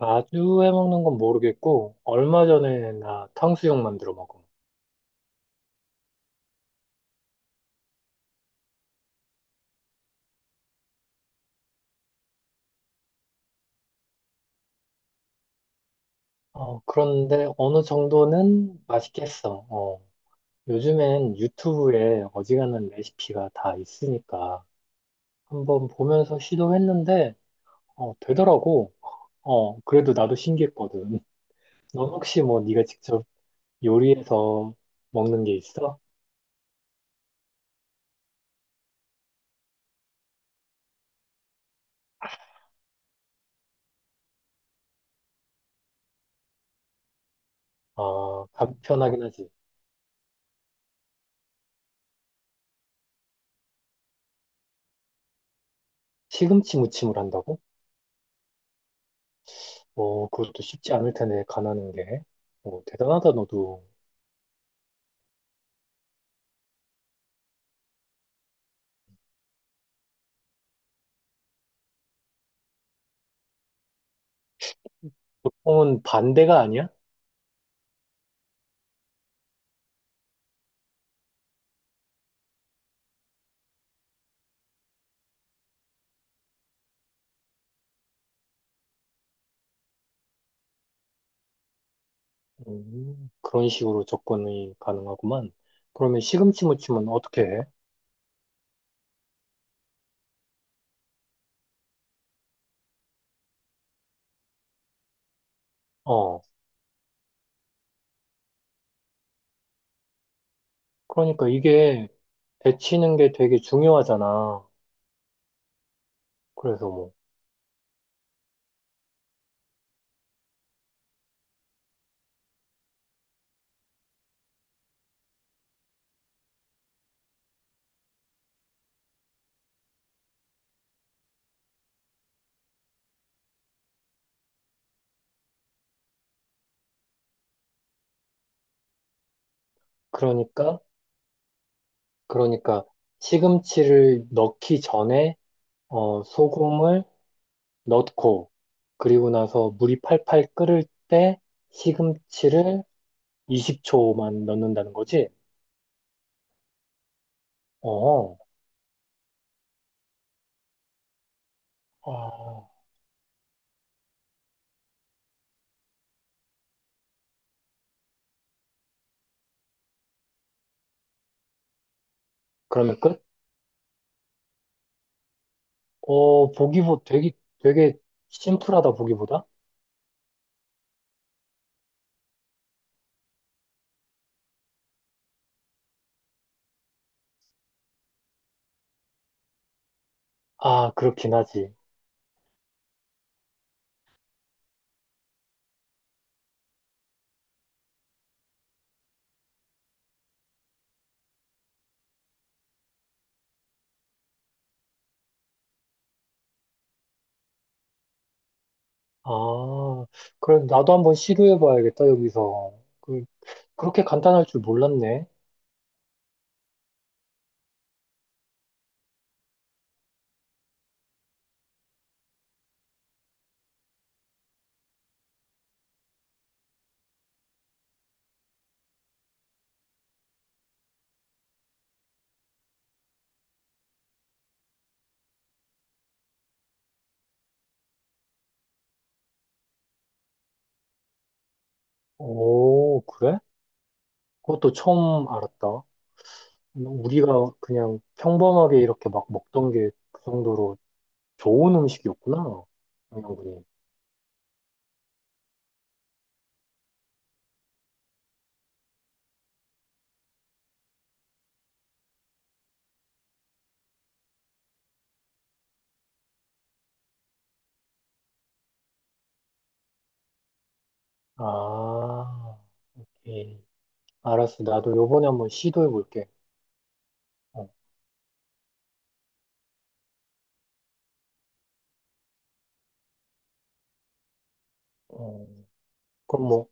자주 해먹는 건 모르겠고, 얼마 전에 나 탕수육 만들어 먹어. 어, 그런데 어느 정도는 맛있겠어. 어, 요즘엔 유튜브에 어지간한 레시피가 다 있으니까 한번 보면서 시도했는데, 어, 되더라고. 어, 그래도 나도 신기했거든. 넌 혹시 뭐 네가 직접 요리해서 먹는 게 있어? 아, 간편하긴 하지. 시금치 무침을 한다고? 어, 그것도 쉽지 않을 텐데, 가나는 게. 어, 대단하다, 너도. 어, 반대가 아니야? 그런 식으로 접근이 가능하구만. 그러면 시금치 무침은 어떻게 해? 어, 그러니까 이게 데치는 게 되게 중요하잖아. 그래서 뭐, 그러니까, 그러니까 시금치를 넣기 전에, 어, 소금을 넣고, 그리고 나서 물이 팔팔 끓을 때 시금치를 20초만 넣는다는 거지? 어, 아, 그러면 끝? 어, 보기보 되게 심플하다, 보기보다? 아, 그렇긴 하지. 아, 그래, 나도 한번 시도해봐야겠다, 여기서. 그, 그렇게 간단할 줄 몰랐네. 오, 그래? 그것도 처음 알았다. 우리가 그냥 평범하게 이렇게 막 먹던 게 그 정도로 좋은 음식이었구나. 영양분이. 아, 예 알았어. 나도 요번에 한번 시도해볼게. 어, 어. 그럼 뭐,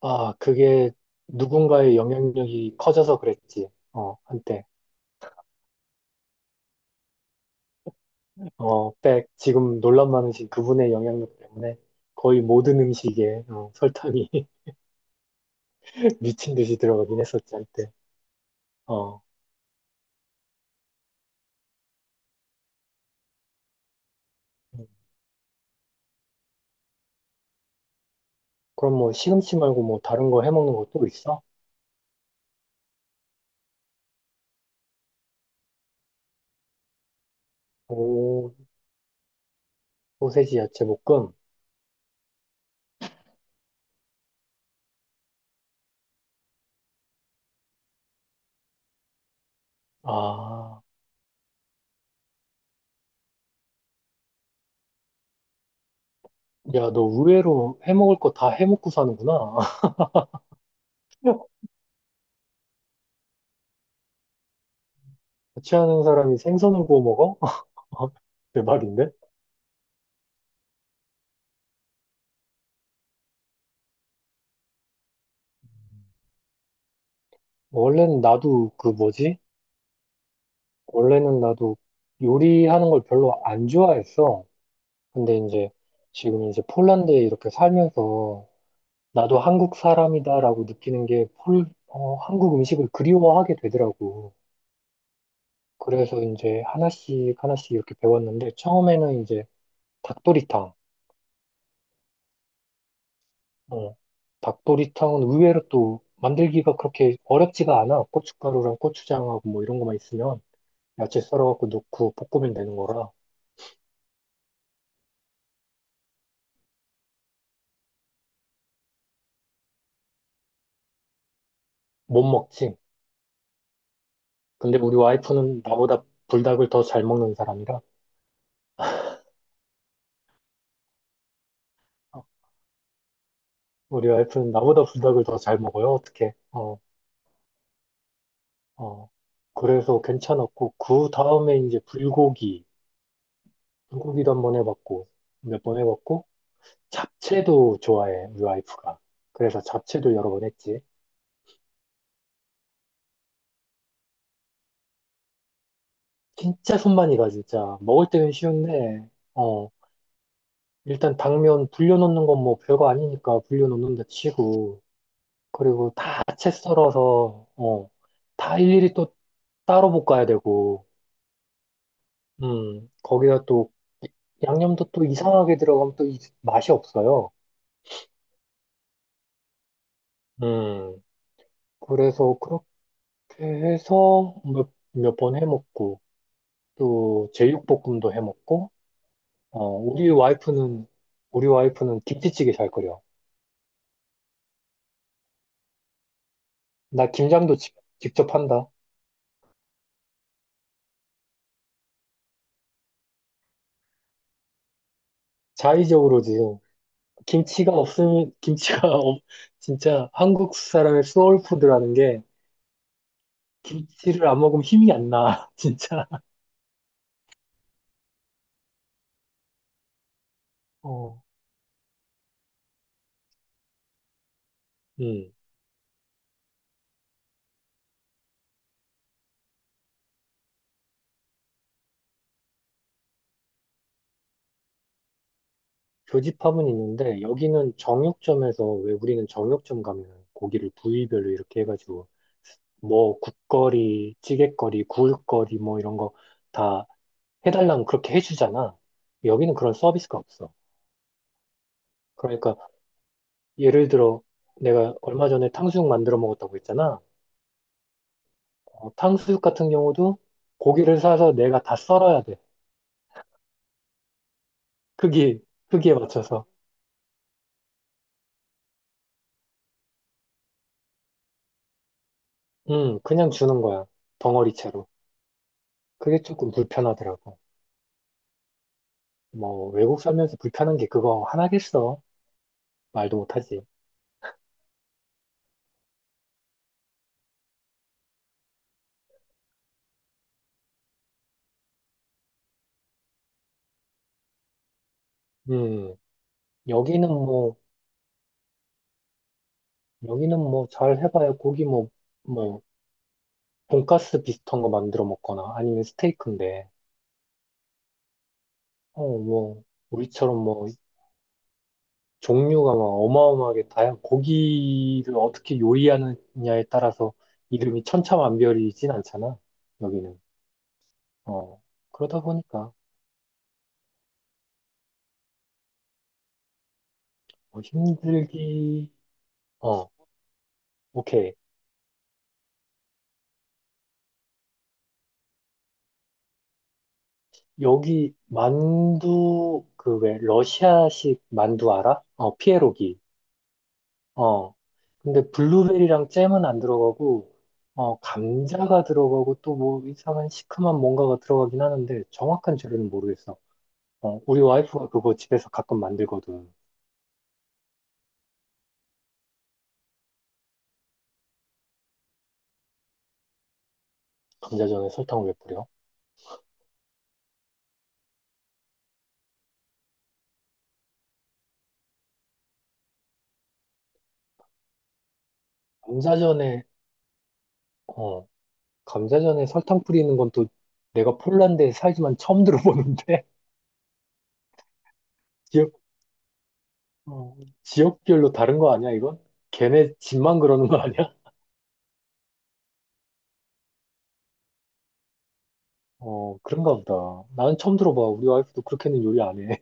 아, 그게 누군가의 영향력이 커져서 그랬지. 어, 한때. 어, 백, 지금 논란 많으신 그분의 영향력 때문에 거의 모든 음식에 어, 설탕이 미친 듯이 들어가긴 했었지, 한때. 어, 음. 그럼 뭐 시금치 말고 뭐 다른 거 해먹는 거 또 있어? 오, 소세지 야채 볶음. 아, 야, 너 의외로 해먹을 거 다 해먹고 사는구나. 같이 하는 사람이 생선을 구워 먹어? 대박인데? 원래는 나도 그 뭐지? 원래는 나도 요리하는 걸 별로 안 좋아했어. 근데 이제 지금 이제 폴란드에 이렇게 살면서 나도 한국 사람이다라고 느끼는 게 한국 음식을 그리워하게 되더라고. 그래서 이제 하나씩 하나씩 이렇게 배웠는데 처음에는 이제 닭도리탕. 어, 닭도리탕은 의외로 또 만들기가 그렇게 어렵지가 않아. 고춧가루랑 고추장하고 뭐 이런 것만 있으면 야채 썰어갖고 넣고 볶으면 되는 거라 못 먹지. 근데 우리 와이프는 나보다 불닭을 더 잘 먹는 사람이라, 어, 우리 와이프는 나보다 불닭을 더 잘 먹어요. 어떻게? 어, 어. 그래서 괜찮았고, 그 다음에 이제 불고기, 불고기도 한번 해봤고, 몇 번 해봤고, 잡채도 좋아해, 우리 와이프가. 그래서 잡채도 여러 번 했지. 진짜 손만이 가, 진짜. 먹을 때는 쉬운데, 어, 일단 당면 불려놓는 건 뭐 별거 아니니까 불려놓는다 치고, 그리고 다 채 썰어서, 어, 다 일일이 또 따로 볶아야 되고, 거기다 또 양념도 또 이상하게 들어가면 또 맛이 없어요. 음, 그래서 그렇게 해서 몇 번 해먹고, 또 제육볶음도 해먹고, 어, 우리 와이프는 김치찌개 잘 끓여. 나 김장도 직접 한다. 자의적으로 지금 김치가 없으면, 김치가 진짜 한국 사람의 소울푸드라는 게 김치를 안 먹으면 힘이 안 나, 진짜. 어, 음. 교집합은 있는데, 여기는 정육점에서, 왜 우리는 정육점 가면 고기를 부위별로 이렇게 해가지고, 뭐, 국거리, 찌개거리, 구울거리, 뭐 이런 거 다 해달라면 그렇게 해주잖아. 여기는 그런 서비스가 없어. 그러니까, 예를 들어, 내가 얼마 전에 탕수육 만들어 먹었다고 했잖아. 어, 탕수육 같은 경우도 고기를 사서 내가 다 썰어야 돼. 크기, 크기에 맞춰서. 그냥 주는 거야. 덩어리채로. 그게 조금 불편하더라고. 뭐, 외국 살면서 불편한 게 그거 하나겠어. 말도 못하지. 음, 여기는 뭐, 여기는 뭐, 잘 해봐야 고기 뭐, 뭐, 돈가스 비슷한 거 만들어 먹거나 아니면 스테이크인데, 어, 뭐, 우리처럼 뭐, 종류가 막 어마어마하게 다양, 고기를 어떻게 요리하느냐에 따라서 이름이 천차만별이진 않잖아, 여기는. 어, 그러다 보니까, 뭐 힘들기, 어, 오케이. 여기 만두 그 왜 러시아식 만두 알아? 어 피에로기. 어 근데 블루베리랑 잼은 안 들어가고 어 감자가 들어가고 또 뭐 이상한 시큼한 뭔가가 들어가긴 하는데 정확한 재료는 모르겠어. 어 우리 와이프가 그거 집에서 가끔 만들거든. 감자전에 설탕을 왜 뿌려? 감자전에 어 감자전에 설탕 뿌리는 건 또 내가 폴란드에 살지만 처음 들어보는데 어, 지역별로 다른 거 아니야, 이건? 걔네 집만 그러는 거 아니야? 어, 그런가 보다. 나는 처음 들어봐. 우리 와이프도 그렇게는 요리 안 해.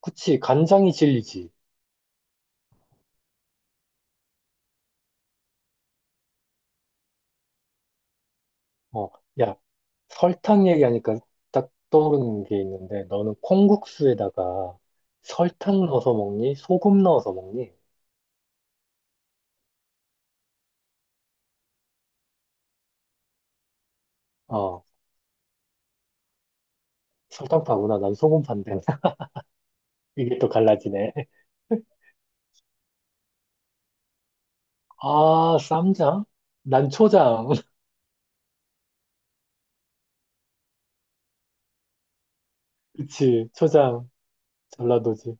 그치, 간장이 진리지. 어, 야, 설탕 얘기하니까 딱 떠오르는 게 있는데, 너는 콩국수에다가 설탕 넣어서 먹니? 소금 넣어서 먹니? 어, 설탕파구나. 난 소금파인데. 이게 또 갈라지네. 아, 쌈장? 난 초장. 그치, 초장. 전라도지.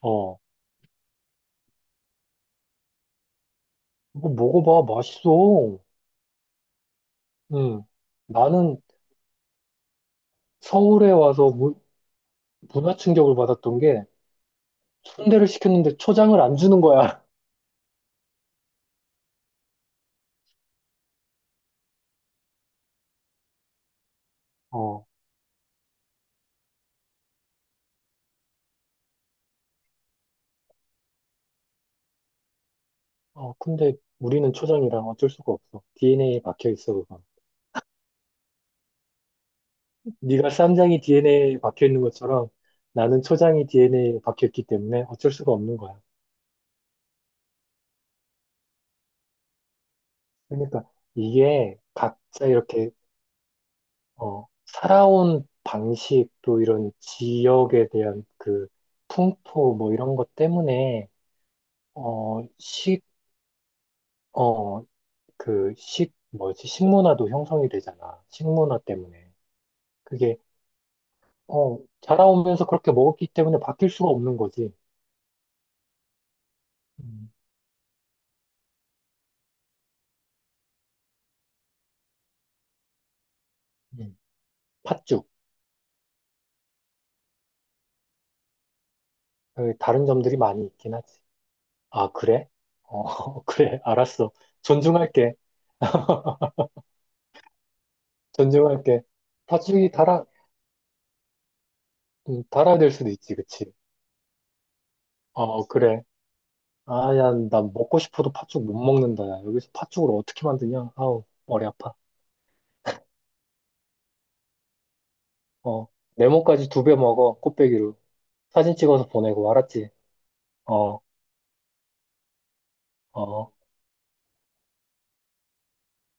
어, 이거 먹어봐. 맛있어. 음, 나는 서울에 와서 문화 충격을 받았던 게 순대를 시켰는데 초장을 안 주는 거야. 어, 어, 근데 우리는 초장이랑 어쩔 수가 없어. DNA에 박혀 있어, 그거. 네가 쌈장이 DNA에 박혀 있는 것처럼 나는 초장이 DNA에 박혀 있기 때문에 어쩔 수가 없는 거야. 그러니까 이게 각자 이렇게 어, 살아온 방식 또 이런 지역에 대한 그 풍토 뭐 이런 것 때문에 어, 식 어, 식문화도 형성이 되잖아. 식문화 때문에. 그게, 어, 자라오면서 그렇게 먹었기 때문에 바뀔 수가 없는 거지. 음, 음. 팥죽. 어, 다른 점들이 많이 있긴 하지. 아, 그래? 어, 그래. 알았어. 존중할게. 존중할게. 팥죽이 달아, 달아야 될 수도 있지. 그치? 어, 그래. 아, 야, 나 먹고 싶어도 팥죽 못 먹는다. 야. 여기서 팥죽을 어떻게 만드냐? 아우, 머리 아파. 어, 네모까지 두 배 먹어. 꽃배기로. 사진 찍어서 보내고, 알았지? 어, 어.